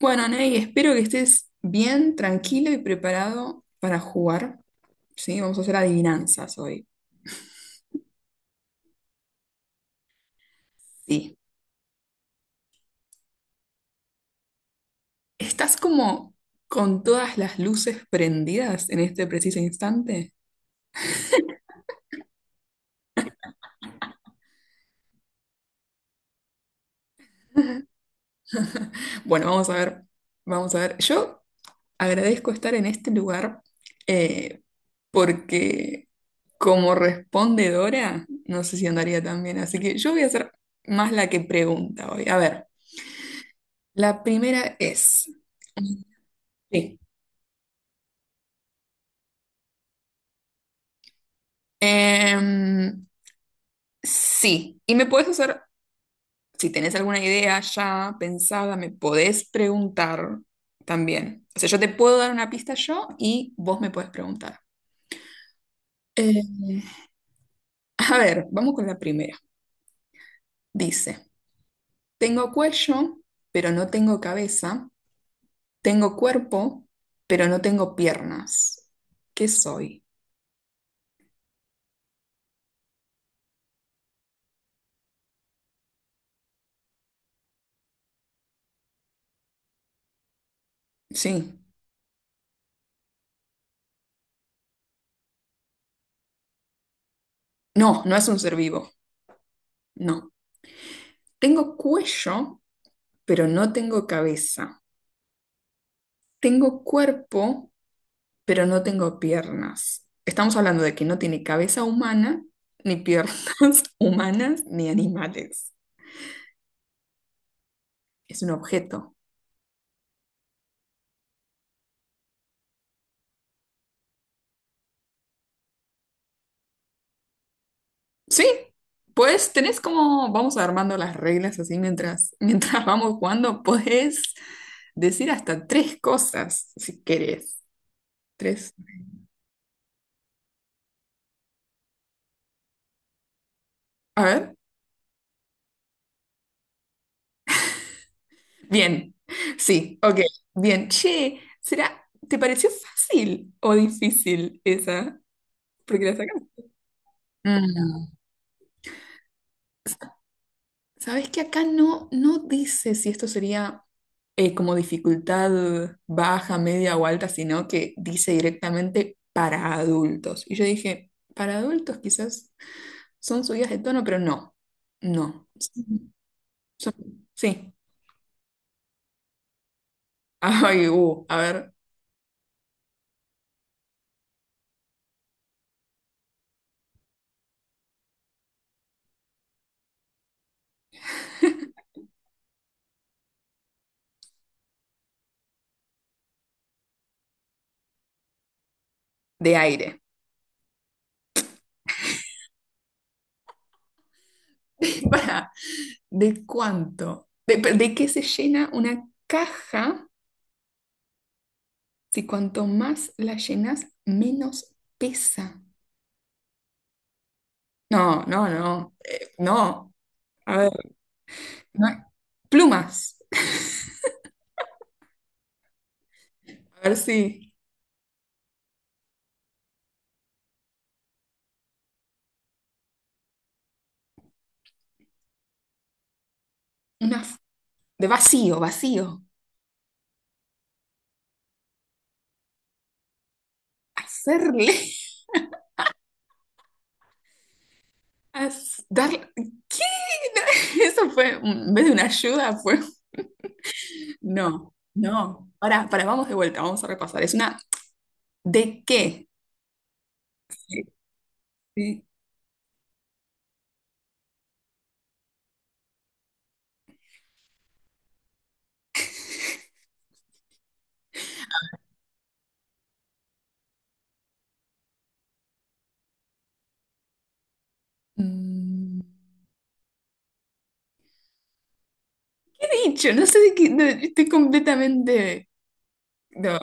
Bueno, Ney, espero que estés bien, tranquilo y preparado para jugar. Sí, vamos a hacer adivinanzas hoy. Sí. ¿Estás como con todas las luces prendidas en este preciso instante? Bueno, vamos a ver, vamos a ver. Yo agradezco estar en este lugar, eh, porque como respondedora, no sé si andaría tan bien, así que yo voy a ser más la que pregunta hoy. A ver, la primera es... Sí. Em, sí, y me puedes hacer, si tenés alguna idea ya pensada, me podés preguntar también. O sea, yo te puedo dar una pista yo y vos me podés preguntar. Eh, a ver, vamos con la primera. Dice, tengo cuello, pero no tengo cabeza. Tengo cuerpo, pero no tengo piernas. ¿Qué soy? Sí. No, no es un ser vivo. No. Tengo cuello, pero no tengo cabeza. Tengo cuerpo, pero no tengo piernas. Estamos hablando de que no tiene cabeza humana, ni piernas humanas, ni animales. Es un objeto. Sí, pues tenés como, vamos armando las reglas así mientras, mientras vamos jugando, podés decir hasta tres cosas si querés. Tres. A ver. Bien. Sí, ok. Bien. Che, ¿será, te pareció fácil o difícil esa? Porque la sacamos. Mm. Sabes que acá no, no dice si esto sería, como dificultad baja, media o alta, sino que dice directamente para adultos. Y yo dije, para adultos quizás son subidas de tono, pero no, no. Sí, sí. Ay, a ver, de aire. Para, ¿de cuánto? De qué se llena una caja si cuanto más la llenas, menos pesa? No, no, no, no. A ver, no hay- plumas. A ver si. Una f- de vacío, vacío. Hacerle. ¿Qué? Eso fue. En vez de una ayuda, fue. No, no. Ahora, para, vamos de vuelta, vamos a repasar. Es una. ¿De qué? Sí. Mm, ¿qué he dicho? No sé de qué. No, estoy completamente. No.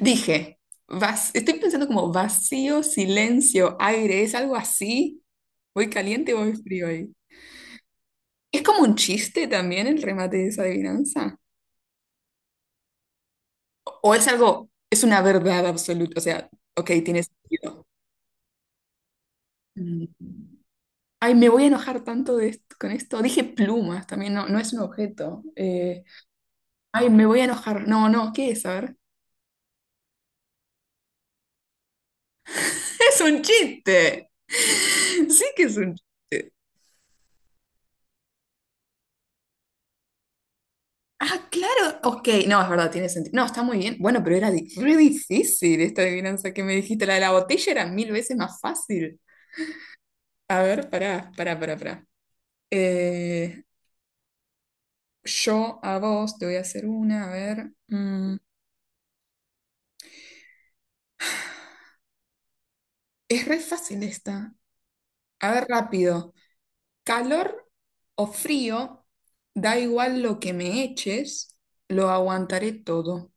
Dije. Estoy pensando como vacío, silencio, aire. ¿Es algo así? ¿Voy caliente o voy frío ahí? ¿Es como un chiste también el remate de esa adivinanza? ¿O es algo, es una verdad absoluta? O sea, ok, tiene sentido. Mm. Ay, me voy a enojar tanto con esto. Dije plumas también, no, no es un objeto. Ay, me voy a enojar. No, no, ¿qué es? A ver. Es un chiste. Sí que es un chiste. Ah, claro. Ok, no, es verdad, tiene sentido. No, está muy bien. Bueno, pero era re difícil esta adivinanza que me dijiste. La de la botella era 1000 veces más fácil. A ver, pará, pará, pará, pará. Eh, yo a vos te voy a hacer una, a ver. Es re fácil esta. A ver, rápido. Calor o frío, da igual lo que me eches, lo aguantaré todo.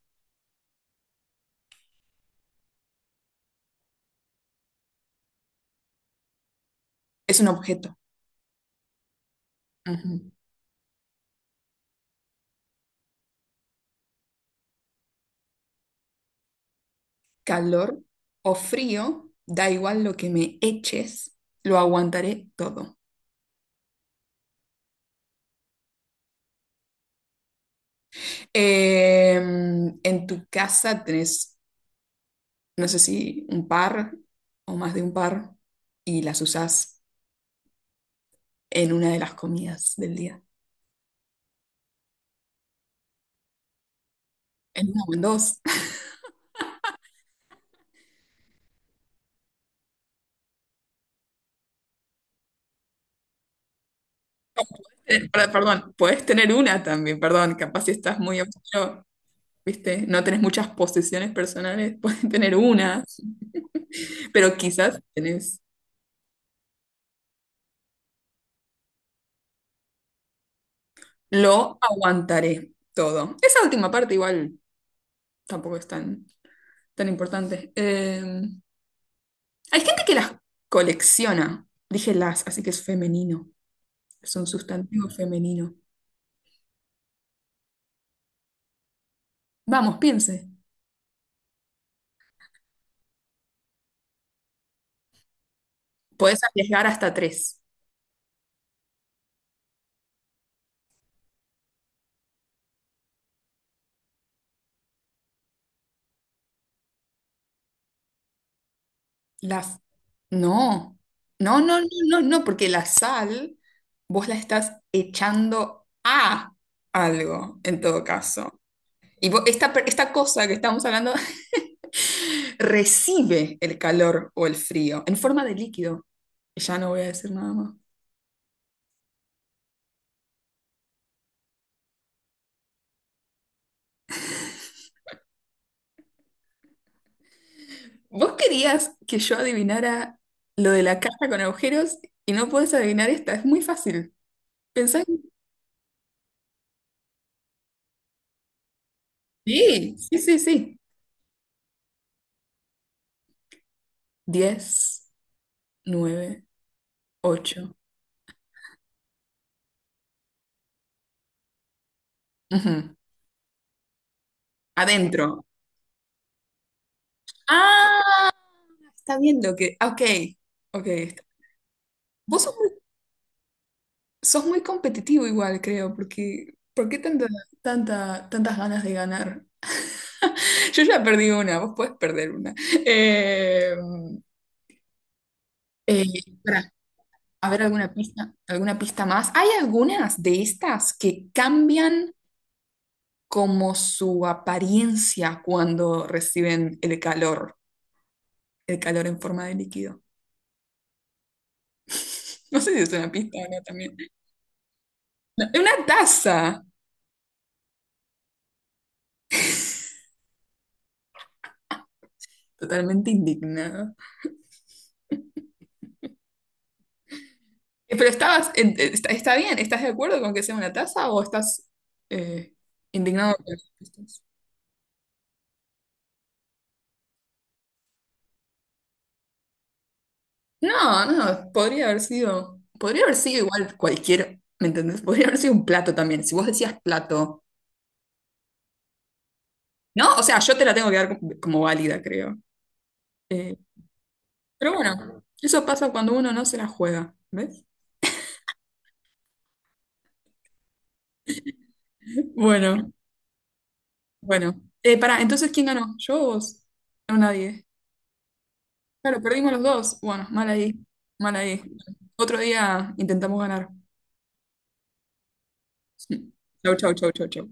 Es un objeto. Ujú. Calor o frío, da igual lo que me eches, lo aguantaré todo. En tu casa tenés, no sé si un par o más de un par, y las usás en una de las comidas del día. En una o en dos. Perdón, puedes tener una también, perdón, capaz si estás muy oscuro, ¿viste? No tenés muchas posesiones personales, puedes tener una, pero quizás tenés, lo aguantaré todo. Esa última parte igual tampoco es tan, tan importante. Hay gente que las colecciona, dije las, así que es femenino, es un sustantivo femenino. Vamos, piense. Podés arriesgar hasta tres. La, f- no, no, no, no, no, no, porque la sal vos la estás echando a algo, en todo caso. Y esta, esta cosa que estamos hablando recibe el calor o el frío en forma de líquido. Ya no voy a decir nada más. Vos querías que yo adivinara lo de la caja con agujeros y no puedes adivinar esta, es muy fácil. Pensá. Sí, sí, sí, sí. 10, 9, 8. Adentro. Ah, está bien lo que. Ah, ok, ok. Vos sos muy competitivo igual, creo, porque ¿por qué tanta, tanta, tantas ganas de ganar? Yo ya perdí una, vos podés perder una. Eh, eh, pará, a ver alguna pista más. Hay algunas de estas que cambian como su apariencia cuando reciben el calor en forma de líquido. No sé si es una pista o no también. No, una taza. Totalmente indignada. Pero estabas, está, está bien, ¿estás de acuerdo con que sea una taza o estás, eh, indignado con las respuestas? No, no, podría haber sido igual cualquier, ¿me entendés? Podría haber sido un plato también, si vos decías plato, ¿no? O sea, yo te la tengo que dar como, como válida, creo. Eh, pero bueno, eso pasa cuando uno no se la juega, ¿ves? Bueno, bueno. Pará, entonces, ¿quién ganó? ¿Yo o vos? No, nadie. Claro, perdimos los dos. Bueno, mal ahí, mal ahí. Otro día intentamos ganar. Chau, chau, chau, chau, chau.